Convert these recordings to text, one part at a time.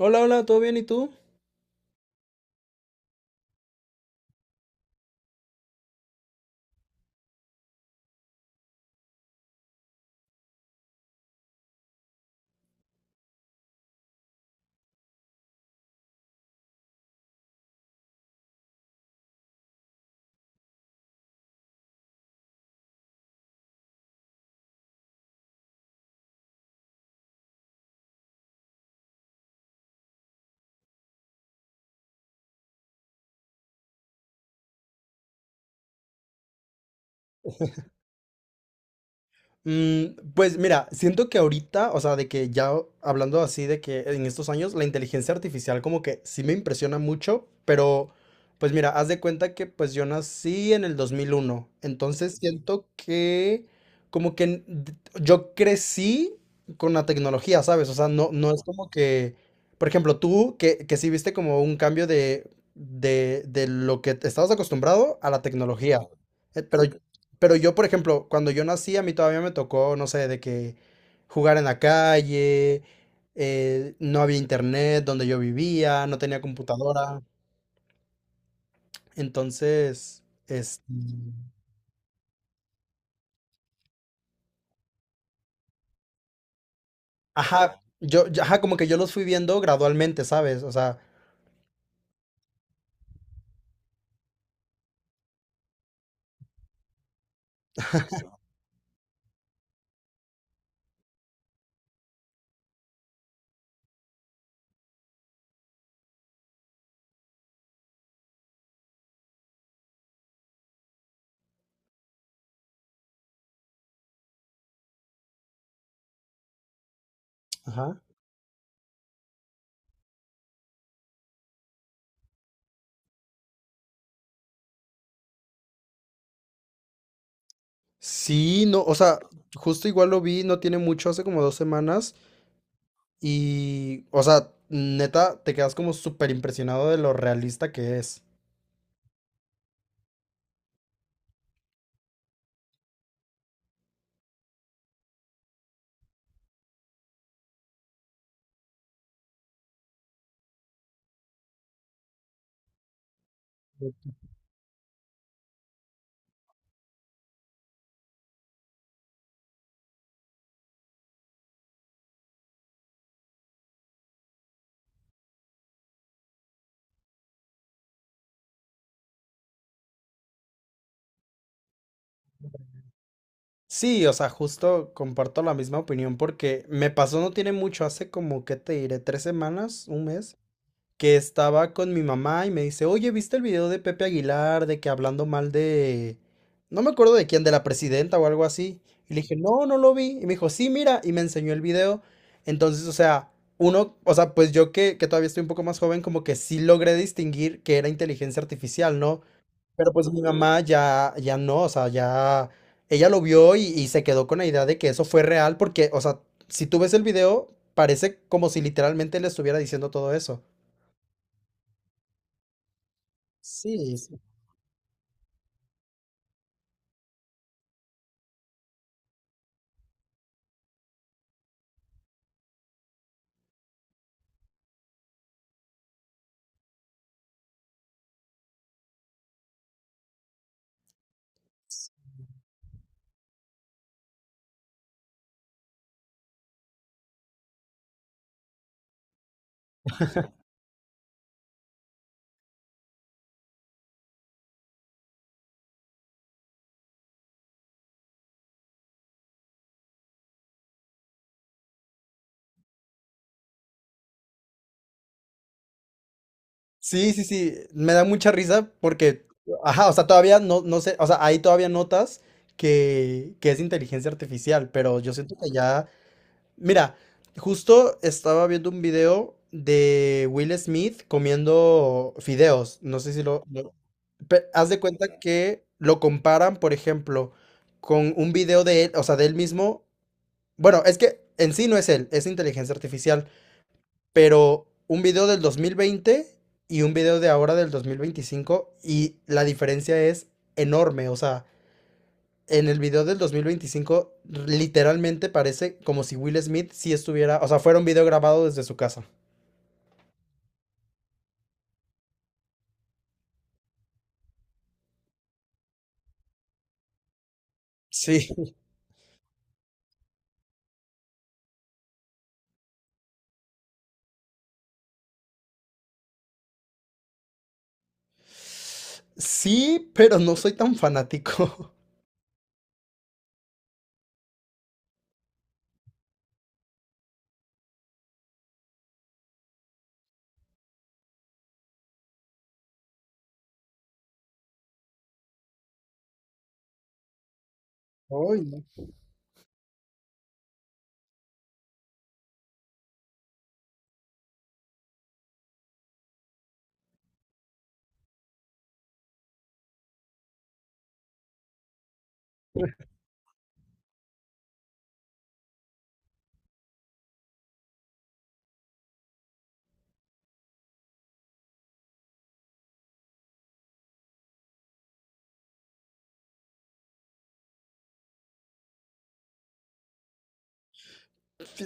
Hola, hola, ¿todo bien? ¿Y tú? Mm, pues mira, siento que ahorita, o sea, de que ya hablando así de que en estos años, la inteligencia artificial como que sí me impresiona mucho, pero pues mira, haz de cuenta que pues yo nací en el 2001, entonces siento que como que yo crecí con la tecnología, ¿sabes? O sea, no, no es como que, por ejemplo, tú que sí viste como un cambio de lo que estabas acostumbrado a la tecnología. Pero, ok. Pero yo, por ejemplo, cuando yo nací, a mí todavía me tocó, no sé, de que jugar en la calle, no había internet donde yo vivía, no tenía computadora. Entonces, es. Ajá, ajá, como que yo los fui viendo gradualmente, ¿sabes? O sea, ajá. Sí, no, o sea, justo igual lo vi, no tiene mucho, hace como 2 semanas, y, o sea, neta, te quedas como súper impresionado de lo realista que es. Sí, o sea, justo comparto la misma opinión porque me pasó no tiene mucho, hace como, ¿qué te diré? 3 semanas, un mes, que estaba con mi mamá y me dice, oye, ¿viste el video de Pepe Aguilar de que hablando mal de... No me acuerdo de quién, de la presidenta o algo así. Y le dije, no, no lo vi. Y me dijo, sí, mira, y me enseñó el video. Entonces, o sea, uno, o sea, pues yo que todavía estoy un poco más joven, como que sí logré distinguir que era inteligencia artificial, ¿no? Pero pues mi mamá ya, ya no, o sea, ya ella lo vio y se quedó con la idea de que eso fue real porque, o sea, si tú ves el video, parece como si literalmente le estuviera diciendo todo eso. Sí, sí. Sí. Sí, sí, sí, me da mucha risa porque, ajá, o sea, todavía no, no sé, o sea, ahí todavía notas que es inteligencia artificial, pero yo siento que ya. Mira, justo estaba viendo un video de Will Smith comiendo fideos. No sé si lo pe- haz de cuenta que lo comparan, por ejemplo, con un video de él, o sea, de él mismo. Bueno, es que en sí no es él, es inteligencia artificial, pero un video del 2020 y un video de ahora del 2025 y la diferencia es enorme, o sea, en el video del 2025, literalmente parece como si Will Smith sí estuviera, o sea, fuera un video grabado desde su casa. Sí. Sí, pero no soy tan fanático. Ay, no.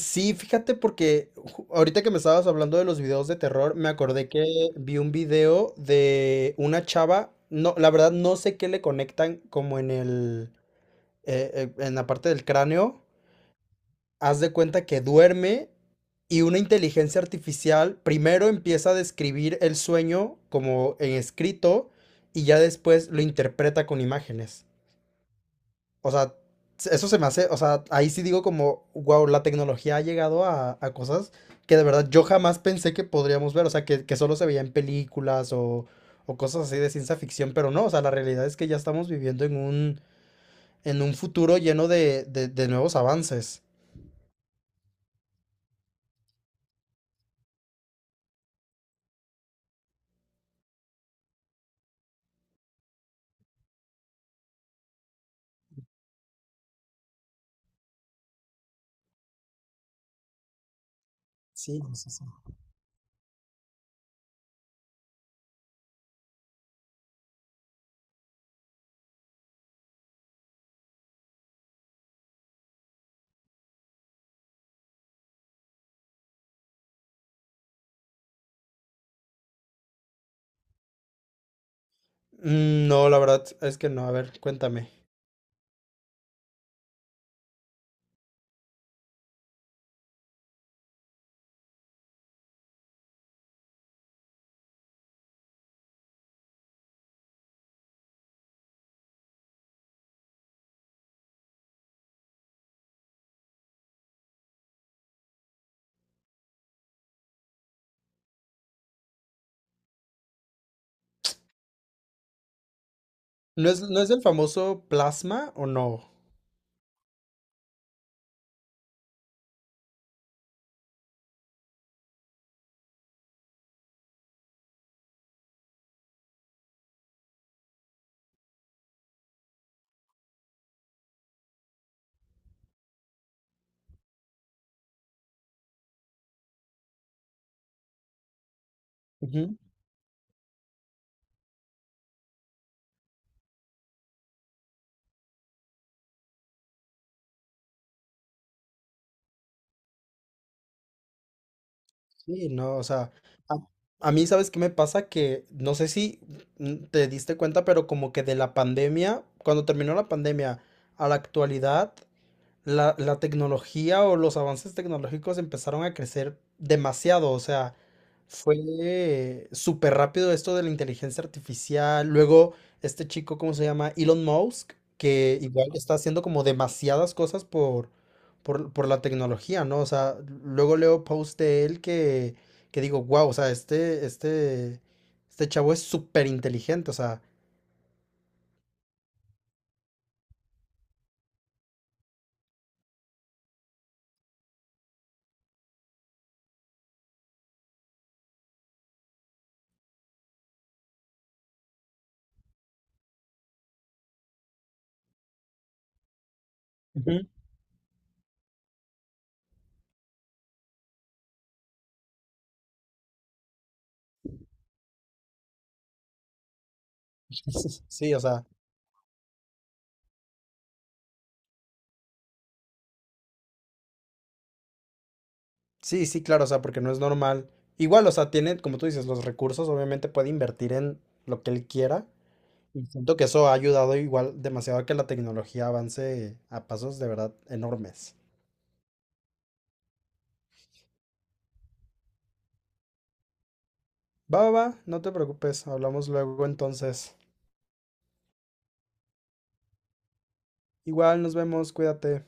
Sí, fíjate porque ahorita que me estabas hablando de los videos de terror, me acordé que vi un video de una chava, no, la verdad no sé qué le conectan como en el, en la parte del cráneo, haz de cuenta que duerme y una inteligencia artificial primero empieza a describir el sueño como en escrito y ya después lo interpreta con imágenes. O sea, eso se me hace, o sea, ahí sí digo como, wow, la tecnología ha llegado a cosas que de verdad yo jamás pensé que podríamos ver, o sea, que solo se veía en películas o cosas así de ciencia ficción, pero no, o sea, la realidad es que ya estamos viviendo en un futuro lleno de nuevos avances. Sí, sí, sí. No, la verdad es que no. A ver, cuéntame. ¿No es del famoso plasma o no? Ujú. Sí, no, o sea, a, a mí, ¿sabes qué me pasa? Que no sé si te diste cuenta, pero como que de la pandemia, cuando terminó la pandemia a la actualidad, la tecnología o los avances tecnológicos empezaron a crecer demasiado, o sea, fue súper rápido esto de la inteligencia artificial, luego este chico, ¿cómo se llama? Elon Musk, que igual está haciendo como demasiadas cosas por, por la tecnología, ¿no? O sea, luego leo post de él que digo, wow, o sea, este chavo es súper inteligente, o sea. Ujú. Sí, o sea. Sí, sí, claro, o sea, porque no es normal. Igual, o sea, tiene, como tú dices, los recursos, obviamente puede invertir en lo que él quiera. Y siento que eso ha ayudado igual demasiado a que la tecnología avance a pasos de verdad enormes. Va, va, va, no te preocupes, hablamos luego entonces. Igual, nos vemos, cuídate.